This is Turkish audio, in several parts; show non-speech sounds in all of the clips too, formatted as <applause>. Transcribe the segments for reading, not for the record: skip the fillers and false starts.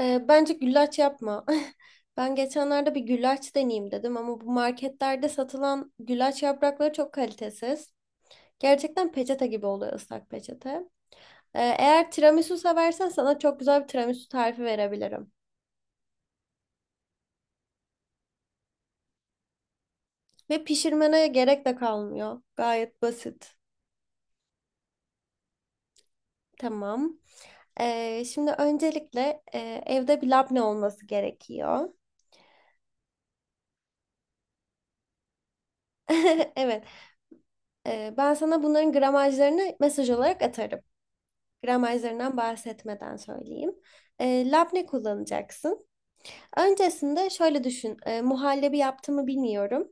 Bence güllaç yapma. <laughs> Ben geçenlerde bir güllaç deneyeyim dedim ama bu marketlerde satılan güllaç yaprakları çok kalitesiz. Gerçekten peçete gibi oluyor ıslak peçete. Eğer tiramisu seversen sana çok güzel bir tiramisu tarifi verebilirim. Ve pişirmene gerek de kalmıyor. Gayet basit. Tamam. Şimdi öncelikle evde bir labne olması gerekiyor. <laughs> Evet. Ben sana bunların gramajlarını mesaj olarak atarım. Gramajlarından bahsetmeden söyleyeyim. Labne kullanacaksın. Öncesinde şöyle düşün. Muhallebi yaptığımı bilmiyorum.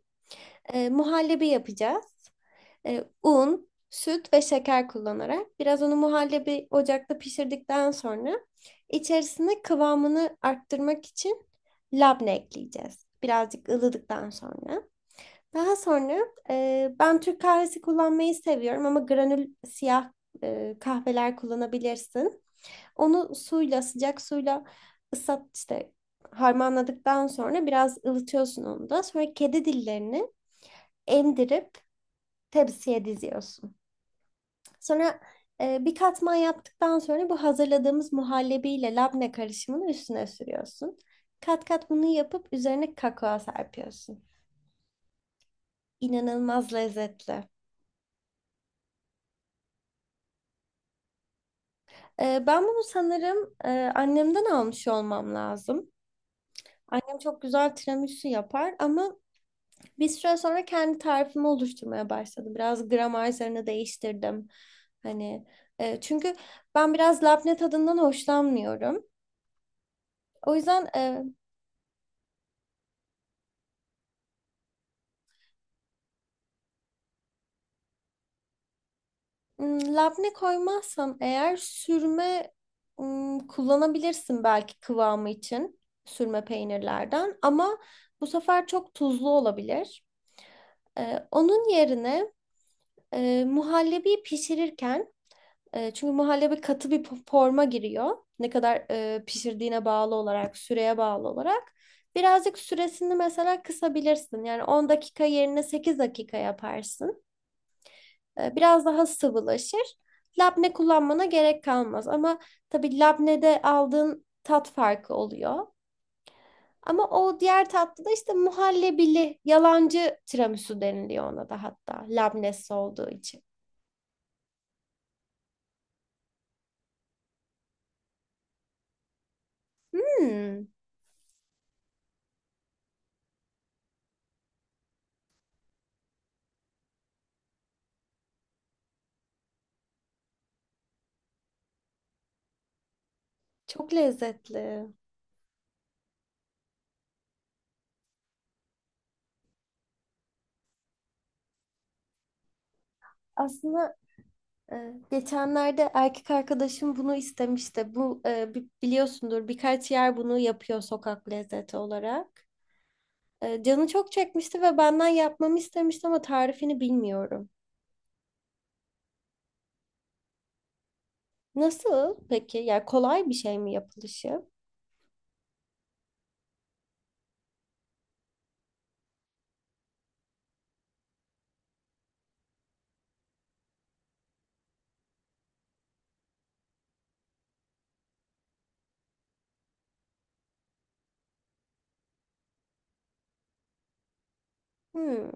Muhallebi yapacağız. Un, süt ve şeker kullanarak biraz onu muhallebi ocakta pişirdikten sonra içerisine kıvamını arttırmak için labne ekleyeceğiz. Birazcık ılıdıktan sonra. Daha sonra ben Türk kahvesi kullanmayı seviyorum ama granül siyah kahveler kullanabilirsin. Onu suyla, sıcak suyla ıslat işte harmanladıktan sonra biraz ılıtıyorsun onu da. Sonra kedi dillerini emdirip tepsiye diziyorsun. Sonra bir katman yaptıktan sonra bu hazırladığımız muhallebiyle labne karışımını üstüne sürüyorsun. Kat kat bunu yapıp üzerine kakao serpiyorsun. İnanılmaz lezzetli. Ben bunu sanırım annemden almış olmam lazım. Annem çok güzel tiramisu yapar ama bir süre sonra kendi tarifimi oluşturmaya başladım. Biraz gramerlerini değiştirdim. Hani çünkü ben biraz labne tadından hoşlanmıyorum. O yüzden labne koymazsam eğer kullanabilirsin belki kıvamı için sürme peynirlerden ama bu sefer çok tuzlu olabilir. Onun yerine muhallebi pişirirken çünkü muhallebi katı bir forma giriyor. Ne kadar pişirdiğine bağlı olarak, süreye bağlı olarak. Birazcık süresini mesela kısabilirsin. Yani 10 dakika yerine 8 dakika yaparsın. Biraz daha sıvılaşır. Labne kullanmana gerek kalmaz. Ama tabii labnede aldığın tat farkı oluyor. Ama o diğer tatlı da işte muhallebili, yalancı tiramisu deniliyor ona da hatta. Labnesi olduğu için. Hmm, çok lezzetli. Aslında geçenlerde erkek arkadaşım bunu istemişti. Bu biliyorsundur birkaç yer bunu yapıyor sokak lezzeti olarak. Canı çok çekmişti ve benden yapmamı istemişti ama tarifini bilmiyorum. Nasıl peki? Yani kolay bir şey mi yapılışı? Hmm.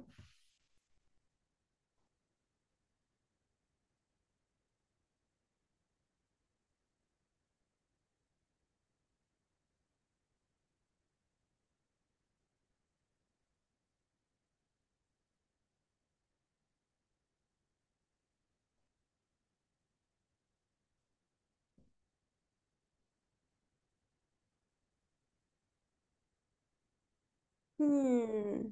Hmm.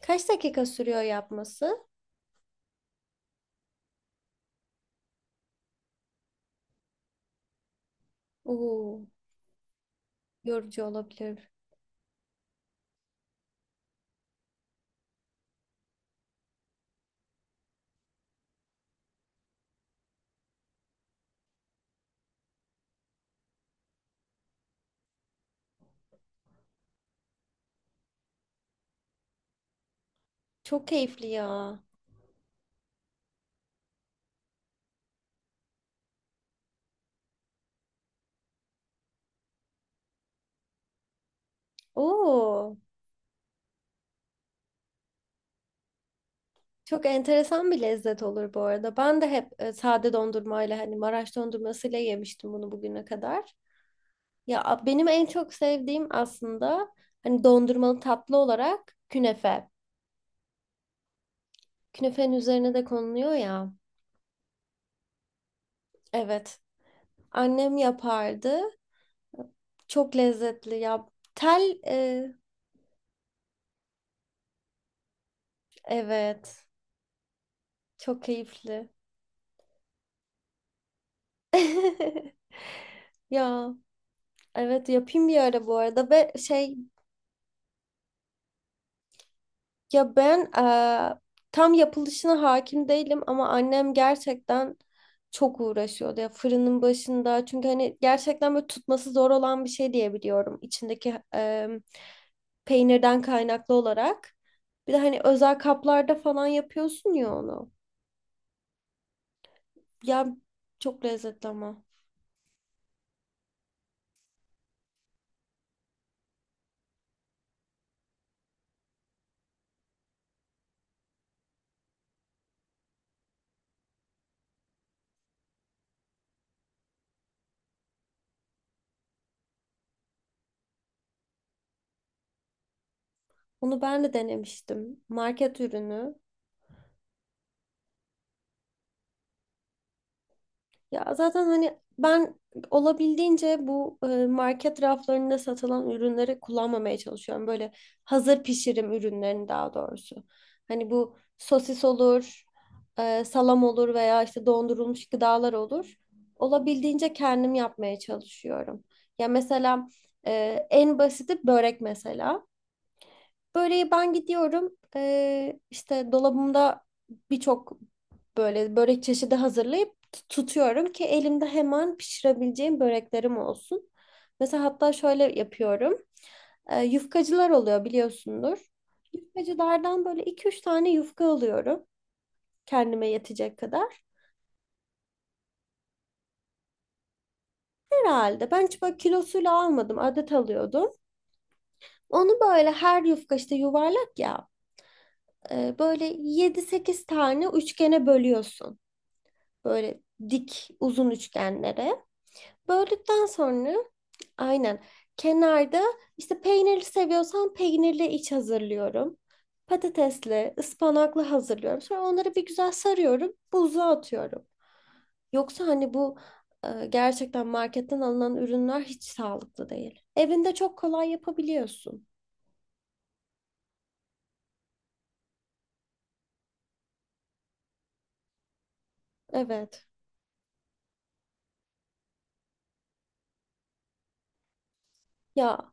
Kaç dakika sürüyor yapması? Oo, yorucu olabilir. Çok keyifli ya. Oo, çok enteresan bir lezzet olur bu arada. Ben de hep sade dondurmayla hani Maraş dondurmasıyla yemiştim bunu bugüne kadar. Ya benim en çok sevdiğim aslında hani dondurmalı tatlı olarak künefe. Künefenin üzerine de konuluyor ya. Evet. Annem yapardı. Çok lezzetli ya. Tel e, evet. Çok keyifli. <laughs> Ya, evet yapayım bir ara bu arada ve şey, ya ben tam yapılışına hakim değilim ama annem gerçekten çok uğraşıyordu ya fırının başında çünkü hani gerçekten böyle tutması zor olan bir şey diye biliyorum içindeki peynirden kaynaklı olarak. Bir de hani özel kaplarda falan yapıyorsun ya onu. Ya çok lezzetli ama. Onu ben de denemiştim. Market ürünü. Ya zaten hani ben olabildiğince bu market raflarında satılan ürünleri kullanmamaya çalışıyorum. Böyle hazır pişirim ürünlerini daha doğrusu. Hani bu sosis olur, salam olur veya işte dondurulmuş gıdalar olur. Olabildiğince kendim yapmaya çalışıyorum. Ya mesela, e, en basiti börek mesela. Böreği ben gidiyorum. İşte dolabımda birçok böyle börek çeşidi hazırlayıp tutuyorum ki elimde hemen pişirebileceğim böreklerim olsun. Mesela hatta şöyle yapıyorum. Yufkacılar oluyor biliyorsundur. Yufkacılardan böyle iki üç tane yufka alıyorum. Kendime yetecek kadar. Herhalde. Ben hiç böyle kilosuyla almadım. Adet alıyordum. Onu böyle her yufka işte yuvarlak ya. Böyle yedi sekiz tane üçgene bölüyorsun. Böyle dik uzun üçgenlere. Böldükten sonra aynen kenarda işte peynirli seviyorsan peynirli iç hazırlıyorum. Patatesli, ıspanaklı hazırlıyorum. Sonra onları bir güzel sarıyorum, buzluğa atıyorum. Yoksa hani bu gerçekten marketten alınan ürünler hiç sağlıklı değil. Evinde çok kolay yapabiliyorsun. Evet. Ya,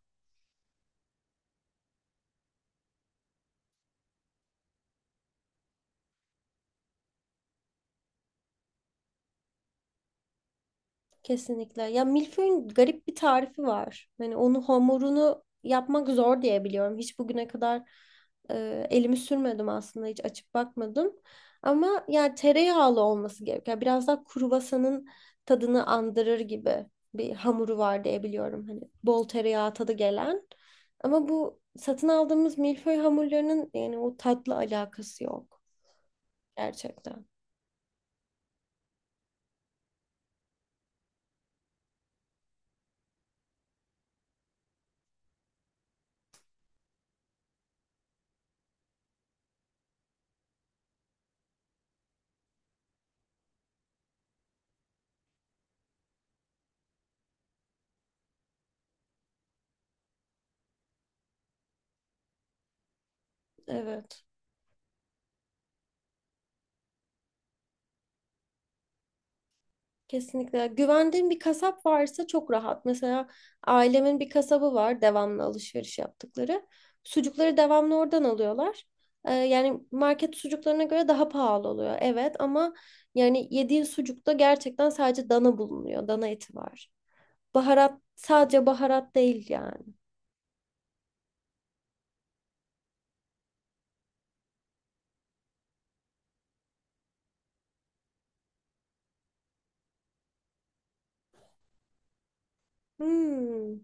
kesinlikle. Ya milföyün garip bir tarifi var. Hani onu hamurunu yapmak zor diye biliyorum. Hiç bugüne kadar elimi sürmedim aslında. Hiç açıp bakmadım. Ama yani tereyağlı olması gerekiyor. Yani biraz daha kruvasanın tadını andırır gibi bir hamuru var diye biliyorum. Hani bol tereyağı tadı gelen. Ama bu satın aldığımız milföy hamurlarının yani o tatla alakası yok. Gerçekten. Evet. Kesinlikle. Güvendiğim bir kasap varsa çok rahat. Mesela ailemin bir kasabı var devamlı alışveriş yaptıkları. Sucukları devamlı oradan alıyorlar. Yani market sucuklarına göre daha pahalı oluyor. Evet ama yani yediğin sucukta gerçekten sadece dana bulunuyor. Dana eti var. Baharat sadece baharat değil yani. Hmm,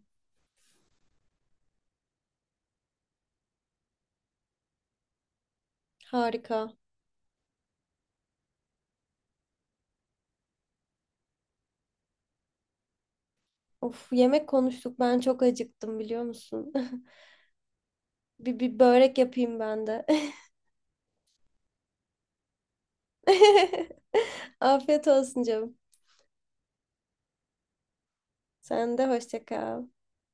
harika. Of, yemek konuştuk. Ben çok acıktım biliyor musun? <laughs> Bir börek yapayım ben de. <laughs> Afiyet olsun canım. Sen de hoşça kal.